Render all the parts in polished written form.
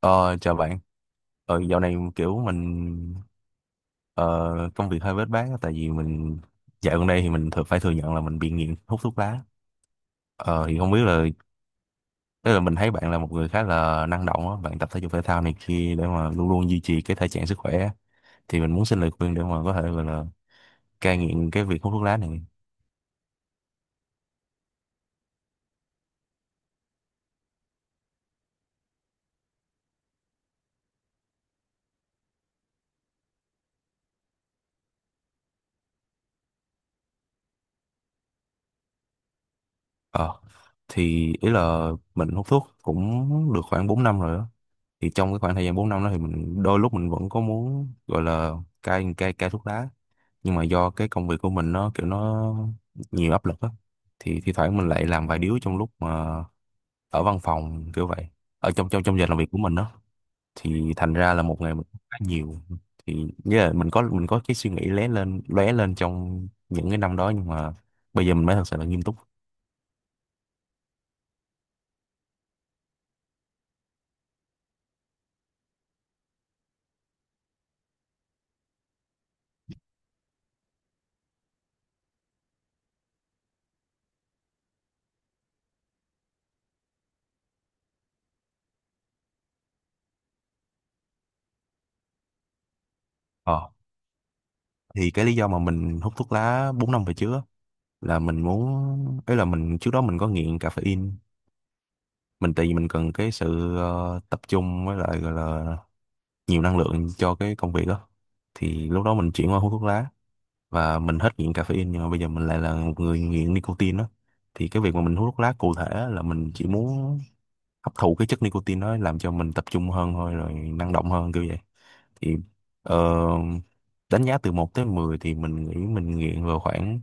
Ờ, Chào bạn. Dạo này kiểu mình ờ, công việc hơi bết bát á, tại vì mình dạo gần đây thì mình thường phải thừa nhận là mình bị nghiện hút thuốc lá. Thì không biết là, tức là mình thấy bạn là một người khá là năng động á, bạn tập thể dục thể thao này kia để mà luôn luôn duy trì cái thể trạng sức khỏe á. Thì mình muốn xin lời khuyên để mà có thể gọi là cai nghiện cái việc hút thuốc lá này. Ờ, thì ý là mình hút thuốc cũng được khoảng 4 năm rồi á. Thì trong cái khoảng thời gian 4 năm đó thì mình đôi lúc mình vẫn có muốn gọi là cai cai cai thuốc lá, nhưng mà do cái công việc của mình nó kiểu nó nhiều áp lực á. Thì thi thoảng mình lại làm vài điếu trong lúc mà ở văn phòng kiểu vậy, ở trong trong trong giờ làm việc của mình đó, thì thành ra là một ngày mình hút khá nhiều. Thì nghĩa là mình có cái suy nghĩ lóe lên trong những cái năm đó, nhưng mà bây giờ mình mới thật sự là nghiêm túc. ờ thì cái lý do mà mình hút thuốc lá 4 năm về trước á, là mình muốn ấy là mình trước đó mình có nghiện caffeine. Mình, tại vì mình cần cái sự tập trung với lại gọi là nhiều năng lượng cho cái công việc đó. Thì lúc đó mình chuyển qua hút thuốc lá và mình hết nghiện caffeine, nhưng mà bây giờ mình lại là một người nghiện nicotine đó. Thì cái việc mà mình hút thuốc lá cụ thể là mình chỉ muốn hấp thụ cái chất nicotine đó làm cho mình tập trung hơn thôi, rồi năng động hơn kiểu vậy. Thì ờ, đánh giá từ một tới 10 thì mình nghĩ mình nghiện vào khoảng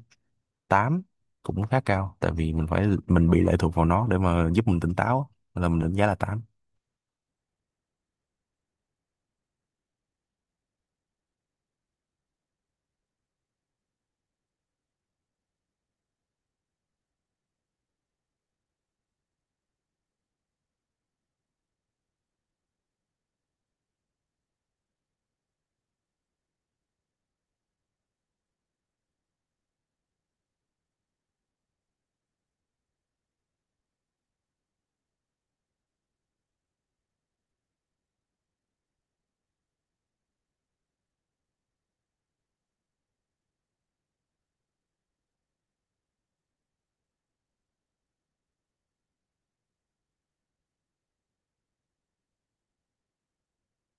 tám, cũng khá cao, tại vì mình bị lệ thuộc vào nó để mà giúp mình tỉnh táo á. Là mình đánh giá là tám.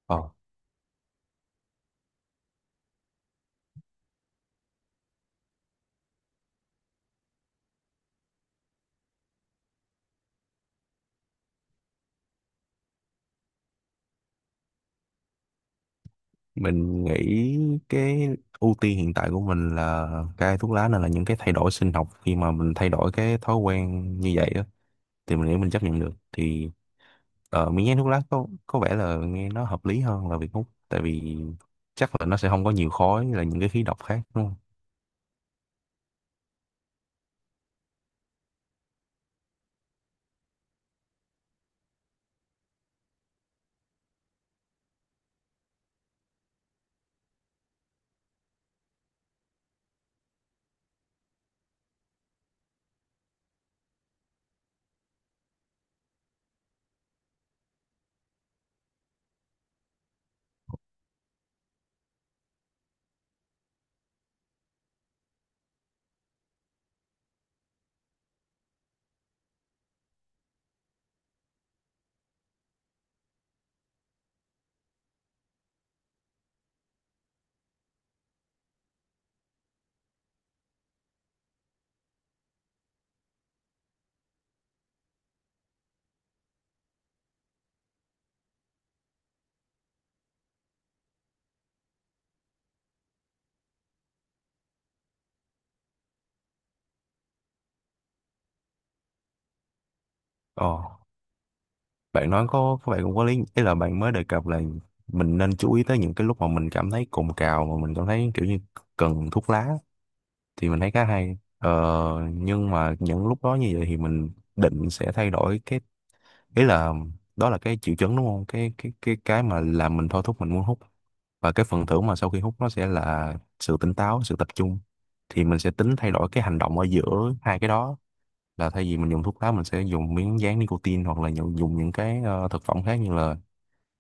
ờ. Mình nghĩ cái ưu tiên hiện tại của mình là cai thuốc lá, nên là những cái thay đổi sinh học khi mà mình thay đổi cái thói quen như vậy á thì mình nghĩ mình chấp nhận được. Thì miếng nhái thuốc lá có vẻ là nghe nó hợp lý hơn là việc hút, tại vì chắc là nó sẽ không có nhiều khói là những cái khí độc khác đúng không? ờ Bạn nói có, các bạn cũng có lý. Ý là bạn mới đề cập là mình nên chú ý tới những cái lúc mà mình cảm thấy cồn cào, mà mình cảm thấy kiểu như cần thuốc lá, thì mình thấy khá hay. Ờ, nhưng mà những lúc đó như vậy thì mình định sẽ thay đổi cái, ý là đó là cái triệu chứng đúng không, cái mà làm mình thôi thúc mình muốn hút. Và cái phần thưởng mà sau khi hút nó sẽ là sự tỉnh táo, sự tập trung. Thì mình sẽ tính thay đổi cái hành động ở giữa hai cái đó, là thay vì mình dùng thuốc lá, mình sẽ dùng miếng dán nicotine hoặc là dùng những cái thực phẩm khác như là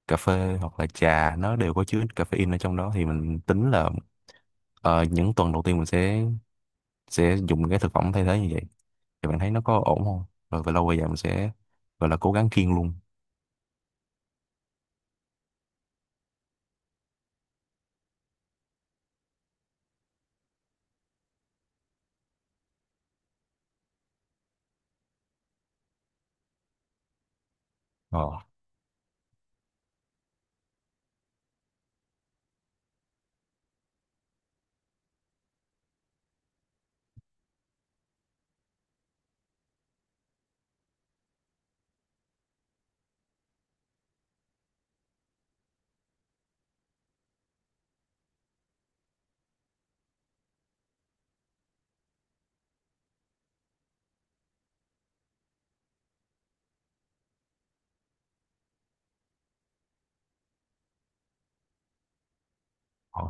cà phê hoặc là trà, nó đều có chứa caffeine ở trong đó. Thì mình tính là, những tuần đầu tiên mình sẽ dùng cái thực phẩm thay thế như vậy, thì bạn thấy nó có ổn không? Rồi về lâu về dài mình sẽ gọi là cố gắng kiêng luôn. ờ ờ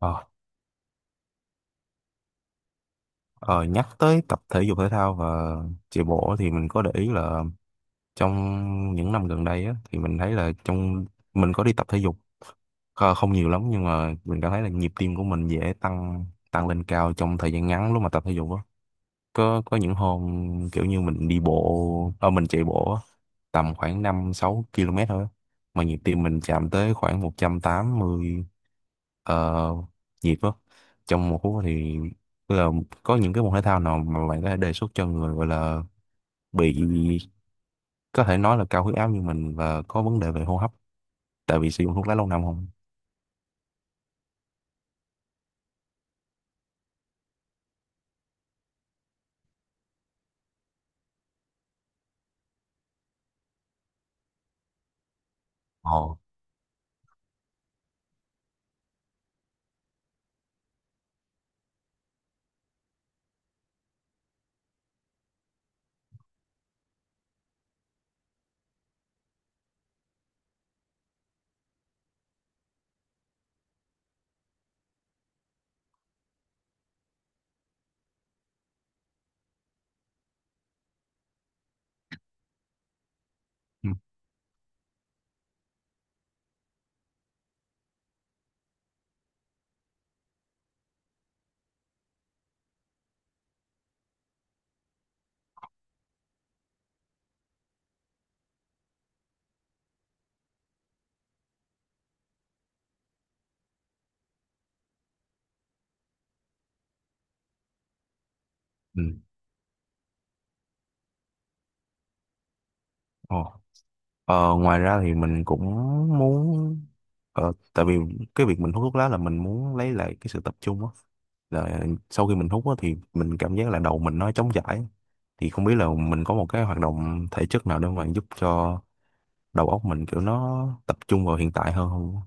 ờ Ờ, Nhắc tới tập thể dục thể thao và chạy bộ thì mình có để ý là, trong những năm gần đây á, thì mình thấy là, trong mình có đi tập thể dục không nhiều lắm, nhưng mà mình cảm thấy là nhịp tim của mình dễ tăng, lên cao trong thời gian ngắn lúc mà tập thể dục á. Có những hôm kiểu như mình đi bộ, mình chạy bộ á, tầm khoảng 5 6 km thôi á. Mà nhịp tim mình chạm tới khoảng 180 uh, nhịp á, trong một phút. Thì tức là có những cái môn thể thao nào mà bạn có thể đề xuất cho người gọi là bị, có thể nói là, cao huyết áp như mình và có vấn đề về hô hấp, tại vì sử dụng thuốc lá lâu năm không? Ồ. Ừ. Ừ. Ồ. Ngoài ra thì mình cũng muốn, tại vì cái việc mình hút thuốc lá là mình muốn lấy lại cái sự tập trung á, là sau khi mình hút á thì mình cảm giác là đầu mình nó trống trải. Thì không biết là mình có một cái hoạt động thể chất nào để mà giúp cho đầu óc mình kiểu nó tập trung vào hiện tại hơn không?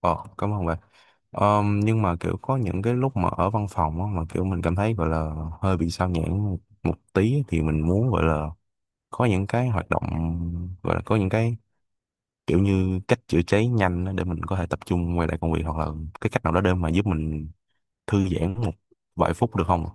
Ờ, Cảm ơn bạn. Nhưng mà kiểu có những cái lúc mà ở văn phòng á, mà kiểu mình cảm thấy gọi là hơi bị sao nhãng một tí, thì mình muốn gọi là có những cái hoạt động, gọi là có những cái kiểu như cách chữa cháy nhanh á, để mình có thể tập trung quay lại công việc, hoặc là cái cách nào đó để mà giúp mình thư giãn một vài phút được không?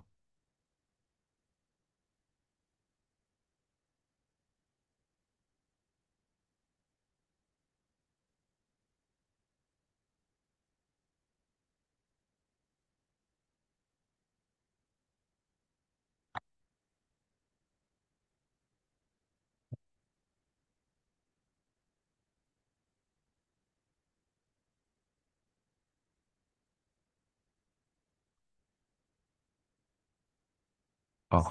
Ờ,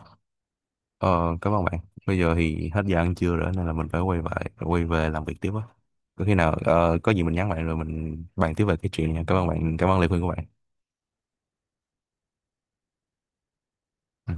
ờ, Cảm ơn bạn. Bây giờ thì hết giờ ăn trưa rồi, nên là mình phải quay về làm việc tiếp á. Có khi nào có gì mình nhắn bạn rồi mình bàn tiếp về cái chuyện nha. Cảm ơn bạn, cảm ơn lời khuyên của bạn. Ừ.